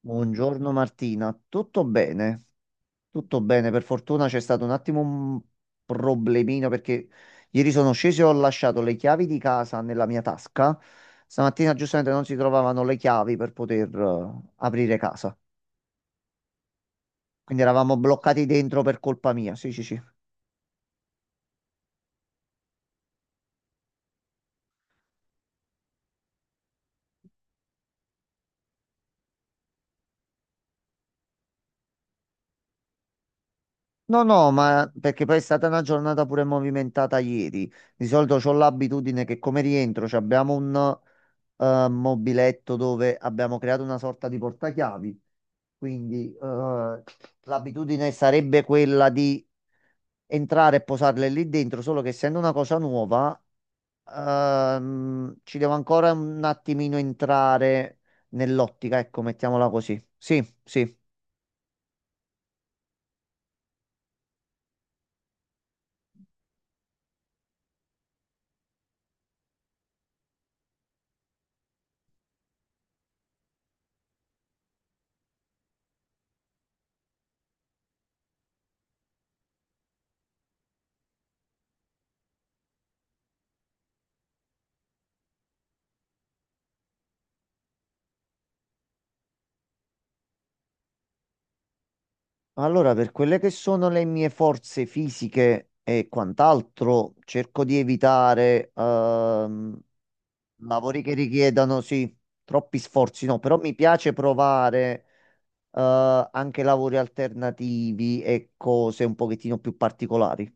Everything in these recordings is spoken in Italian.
Buongiorno Martina, tutto bene? Tutto bene, per fortuna c'è stato un attimo un problemino perché ieri sono sceso e ho lasciato le chiavi di casa nella mia tasca. Stamattina giustamente non si trovavano le chiavi per poter aprire casa. Quindi eravamo bloccati dentro per colpa mia. Sì, sì, sì. No, no, ma perché poi è stata una giornata pure movimentata ieri. Di solito ho l'abitudine che come rientro ci abbiamo un mobiletto dove abbiamo creato una sorta di portachiavi. Quindi l'abitudine sarebbe quella di entrare e posarle lì dentro, solo che essendo una cosa nuova, ci devo ancora un attimino entrare nell'ottica, ecco, mettiamola così. Sì, sì. Allora, per quelle che sono le mie forze fisiche e quant'altro, cerco di evitare lavori che richiedano, sì, troppi sforzi, no, però mi piace provare anche lavori alternativi e cose un pochettino più particolari.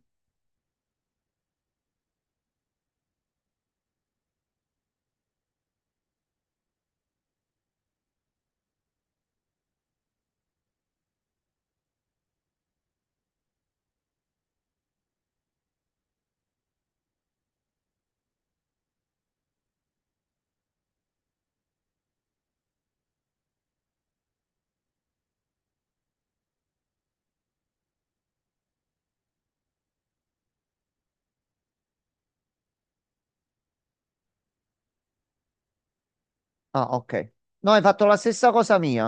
Ah, ok. No, hai fatto la stessa cosa mia.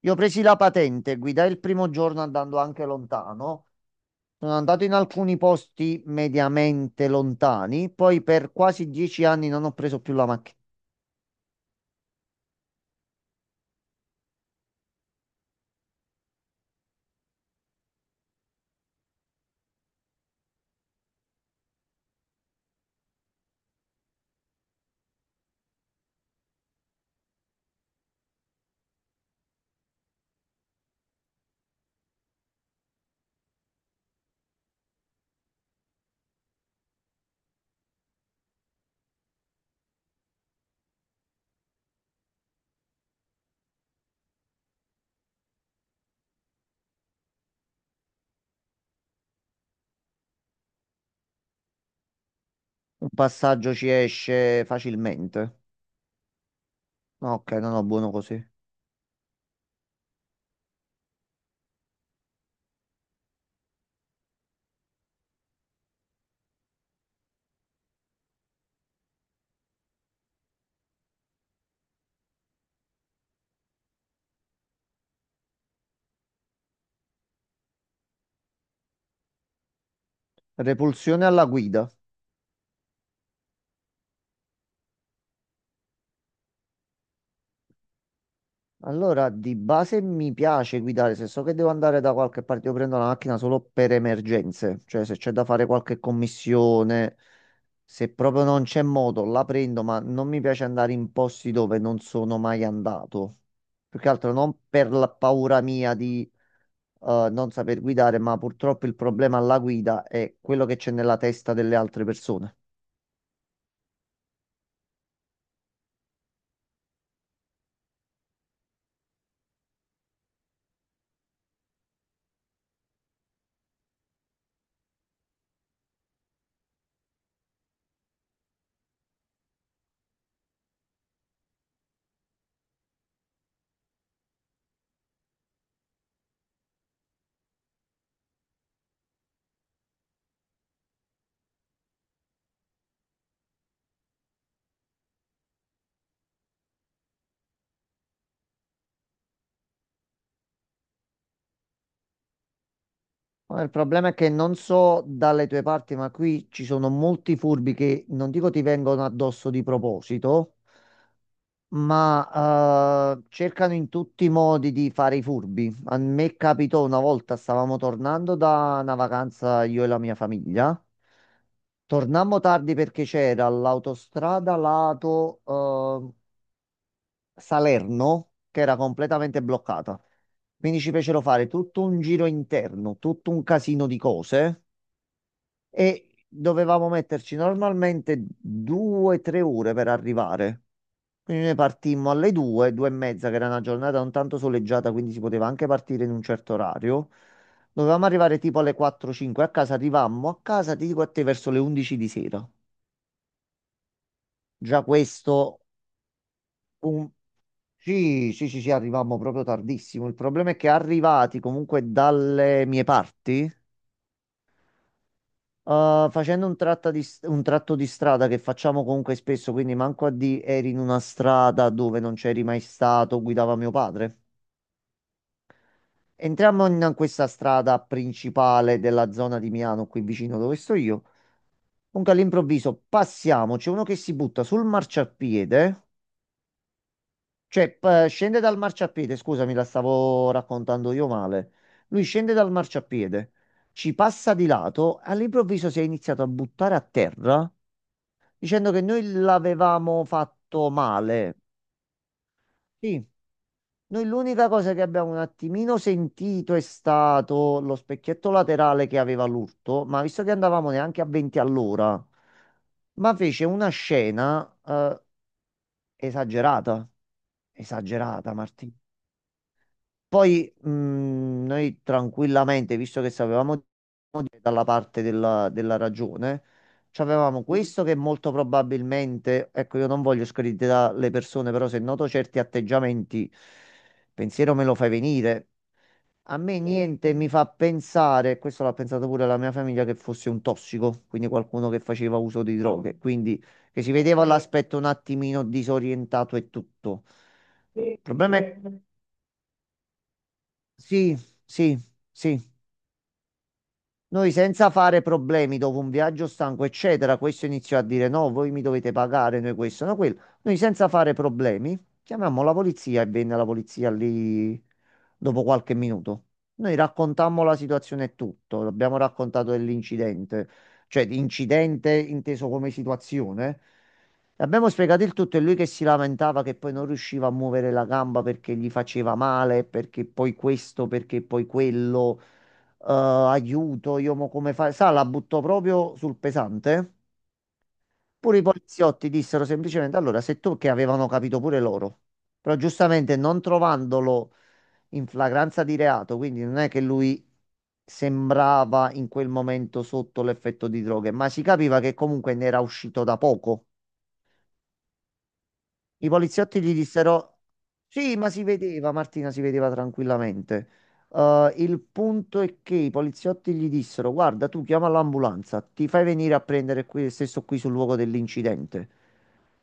Io ho presi la patente, guidai il primo giorno andando anche lontano. Sono andato in alcuni posti mediamente lontani, poi per quasi 10 anni non ho preso più la macchina. Un passaggio ci esce facilmente. Ah, ok, no, no, buono così. Repulsione alla guida. Allora, di base mi piace guidare, se so che devo andare da qualche parte, io prendo la macchina solo per emergenze, cioè se c'è da fare qualche commissione, se proprio non c'è modo, la prendo, ma non mi piace andare in posti dove non sono mai andato. Più che altro non per la paura mia di non saper guidare, ma purtroppo il problema alla guida è quello che c'è nella testa delle altre persone. Ma il problema è che non so dalle tue parti, ma qui ci sono molti furbi che non dico ti vengono addosso di proposito, ma cercano in tutti i modi di fare i furbi. A me capitò una volta, stavamo tornando da una vacanza io e la mia famiglia. Tornammo tardi perché c'era l'autostrada lato Salerno che era completamente bloccata. Quindi ci fecero fare tutto un giro interno, tutto un casino di cose, e dovevamo metterci normalmente 2 o 3 ore per arrivare. Quindi noi partimmo alle due, due e mezza, che era una giornata un tanto soleggiata, quindi si poteva anche partire in un certo orario. Dovevamo arrivare tipo alle 4-5 a casa, arrivammo a casa, ti dico a te, verso le 11 di sera. Già questo, un... sì, sì, sì, sì, arrivammo proprio tardissimo. Il problema è che arrivati comunque dalle mie parti, facendo un tratto di strada che facciamo comunque spesso, quindi manco a di eri in una strada dove non c'eri mai stato, guidava mio padre. Entriamo in questa strada principale della zona di Milano, qui vicino dove sto io. Comunque all'improvviso passiamo, c'è uno che si butta sul marciapiede, cioè scende dal marciapiede, scusami, la stavo raccontando io male. Lui scende dal marciapiede, ci passa di lato, all'improvviso si è iniziato a buttare a terra, dicendo che noi l'avevamo fatto male. Sì, noi l'unica cosa che abbiamo un attimino sentito è stato lo specchietto laterale che aveva l'urto, ma visto che andavamo neanche a 20 all'ora, ma fece una scena esagerata, esagerata, Martino. Poi noi tranquillamente, visto che sapevamo dalla parte della ragione. C'avevamo questo che molto probabilmente, ecco, io non voglio screditare le persone, però se noto certi atteggiamenti, pensiero me lo fai venire. A me niente mi fa pensare, questo l'ha pensato pure la mia famiglia, che fosse un tossico, quindi qualcuno che faceva uso di droghe, quindi che si vedeva l'aspetto un attimino disorientato e tutto. Il problema è... Sì, sì, sì. Noi senza fare problemi dopo un viaggio stanco, eccetera, questo iniziò a dire no, voi mi dovete pagare, noi questo, no quello. Noi senza fare problemi chiamammo la polizia e venne la polizia lì dopo qualche minuto. Noi raccontammo la situazione e tutto, abbiamo raccontato dell'incidente, cioè di incidente inteso come situazione. Abbiamo spiegato il tutto e lui che si lamentava che poi non riusciva a muovere la gamba perché gli faceva male, perché poi questo, perché poi quello aiuto, io mo come fare? Sa, la buttò proprio sul pesante. Pure i poliziotti dissero semplicemente, allora, se tu, che avevano capito pure loro, però giustamente non trovandolo in flagranza di reato, quindi non è che lui sembrava in quel momento sotto l'effetto di droghe, ma si capiva che comunque ne era uscito da poco. I poliziotti gli dissero: sì, ma si vedeva, Martina, si vedeva tranquillamente. Il punto è che i poliziotti gli dissero: guarda, tu chiama l'ambulanza, ti fai venire a prendere qui, stesso qui sul luogo dell'incidente.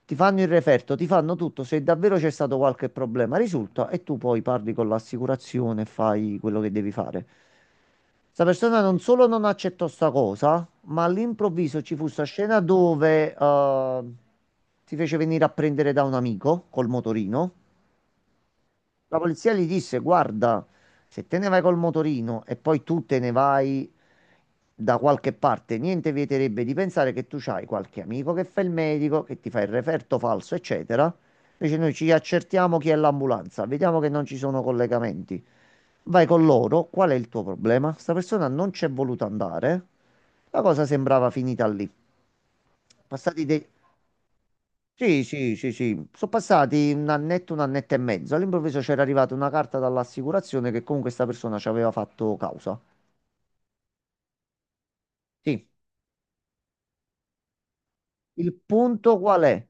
Ti fanno il referto, ti fanno tutto. Se davvero c'è stato qualche problema, risulta, e tu poi parli con l'assicurazione e fai quello che devi fare. Sta persona non solo non accettò sta cosa, ma all'improvviso ci fu sta scena dove si fece venire a prendere da un amico col motorino. La polizia gli disse: guarda, se te ne vai col motorino e poi tu te ne vai da qualche parte, niente vieterebbe di pensare che tu c'hai qualche amico che fa il medico, che ti fa il referto falso, eccetera. Invece noi ci accertiamo chi è l'ambulanza, vediamo che non ci sono collegamenti. Vai con loro, qual è il tuo problema? Sta persona non c'è voluta andare. La cosa sembrava finita lì. Passati dei... Sì, sì, sì, sì. Sono passati un annetto e mezzo. All'improvviso c'era arrivata una carta dall'assicurazione che comunque questa persona ci aveva fatto causa. Sì. Il punto qual è?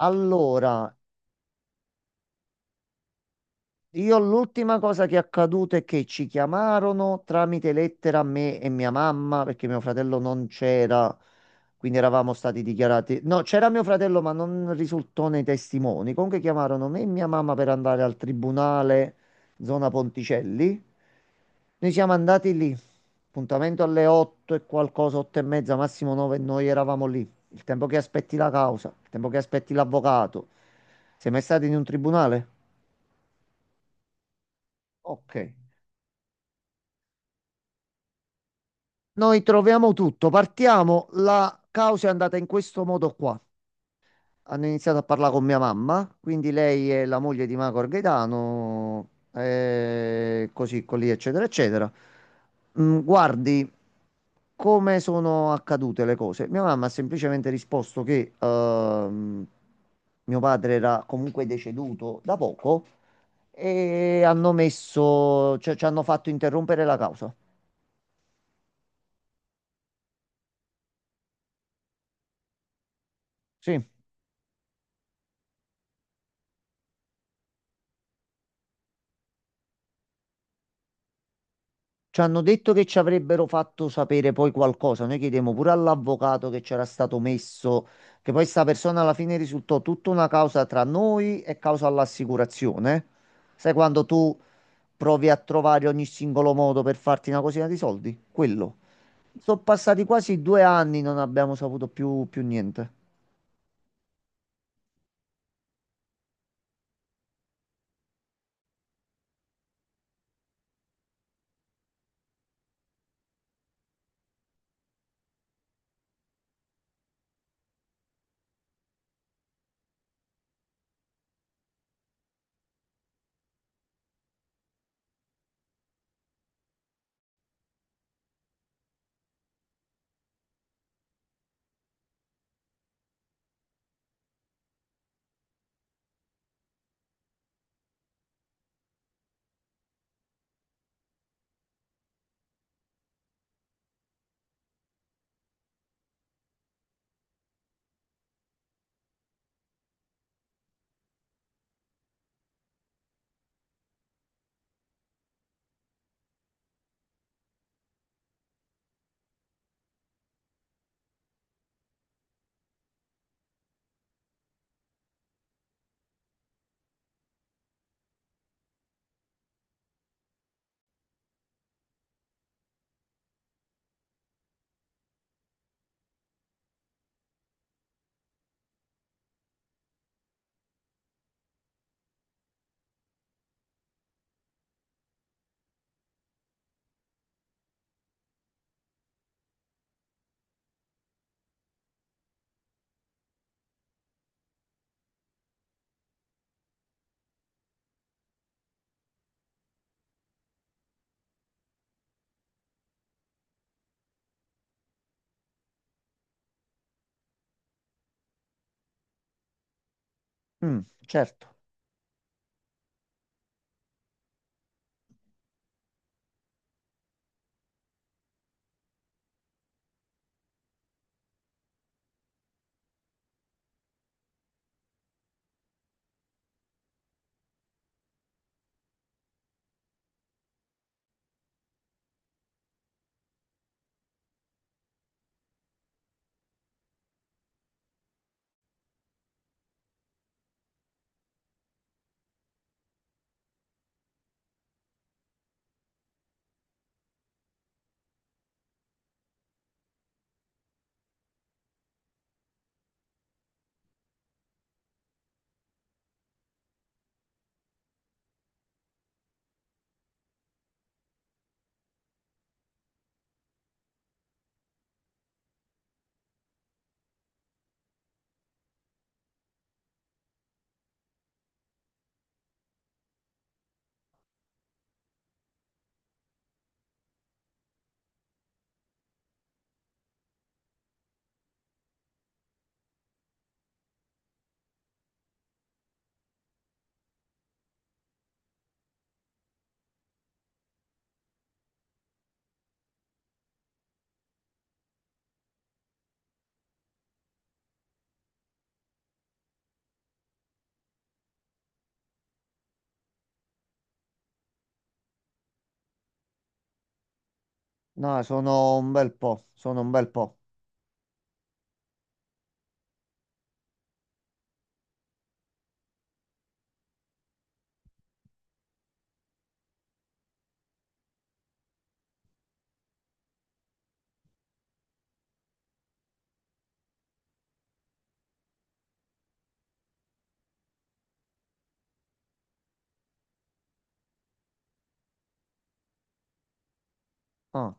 Allora, io l'ultima cosa che è accaduta è che ci chiamarono tramite lettera a me e mia mamma perché mio fratello non c'era, quindi eravamo stati dichiarati. No, c'era mio fratello, ma non risultò nei testimoni. Comunque chiamarono me e mia mamma per andare al tribunale zona Ponticelli. Noi siamo andati lì, appuntamento alle 8 e qualcosa, 8 e mezza, massimo 9, e noi eravamo lì. Il tempo che aspetti la causa, il tempo che aspetti l'avvocato. Sei mai stato in un tribunale? Ok. Noi troviamo tutto, partiamo. La causa è andata in questo modo qua. Hanno iniziato a parlare con mia mamma, quindi lei è la moglie di Magor Gaetano, così, così, eccetera, eccetera. Mm, guardi come sono accadute le cose. Mia mamma ha semplicemente risposto che mio padre era comunque deceduto da poco e hanno messo, cioè ci hanno fatto interrompere la causa. Sì. Ci hanno detto che ci avrebbero fatto sapere poi qualcosa. Noi chiedemmo pure all'avvocato che c'era stato messo, che poi sta persona alla fine risultò tutta una causa tra noi e causa all'assicurazione. Sai quando tu provi a trovare ogni singolo modo per farti una cosina di soldi? Quello. Sono passati quasi 2 anni, non abbiamo saputo più niente. Mm, certo. No, sono un bel po', sono un bel po'. Ah,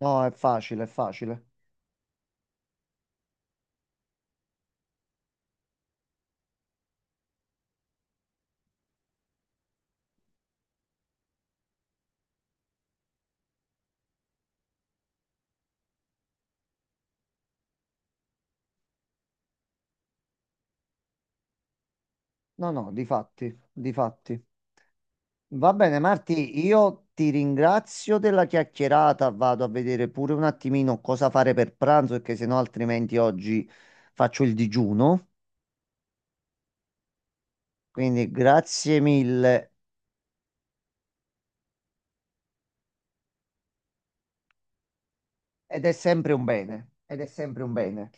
no, è facile, è facile. No, no, di fatti, di fatti. Va bene, Marti, io ti ringrazio della chiacchierata. Vado a vedere pure un attimino cosa fare per pranzo, perché sennò altrimenti oggi faccio il digiuno. Quindi grazie mille. Ed è sempre un bene. Ed è sempre un bene.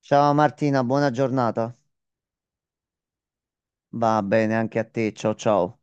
Ciao Martina, buona giornata. Va bene anche a te. Ciao ciao.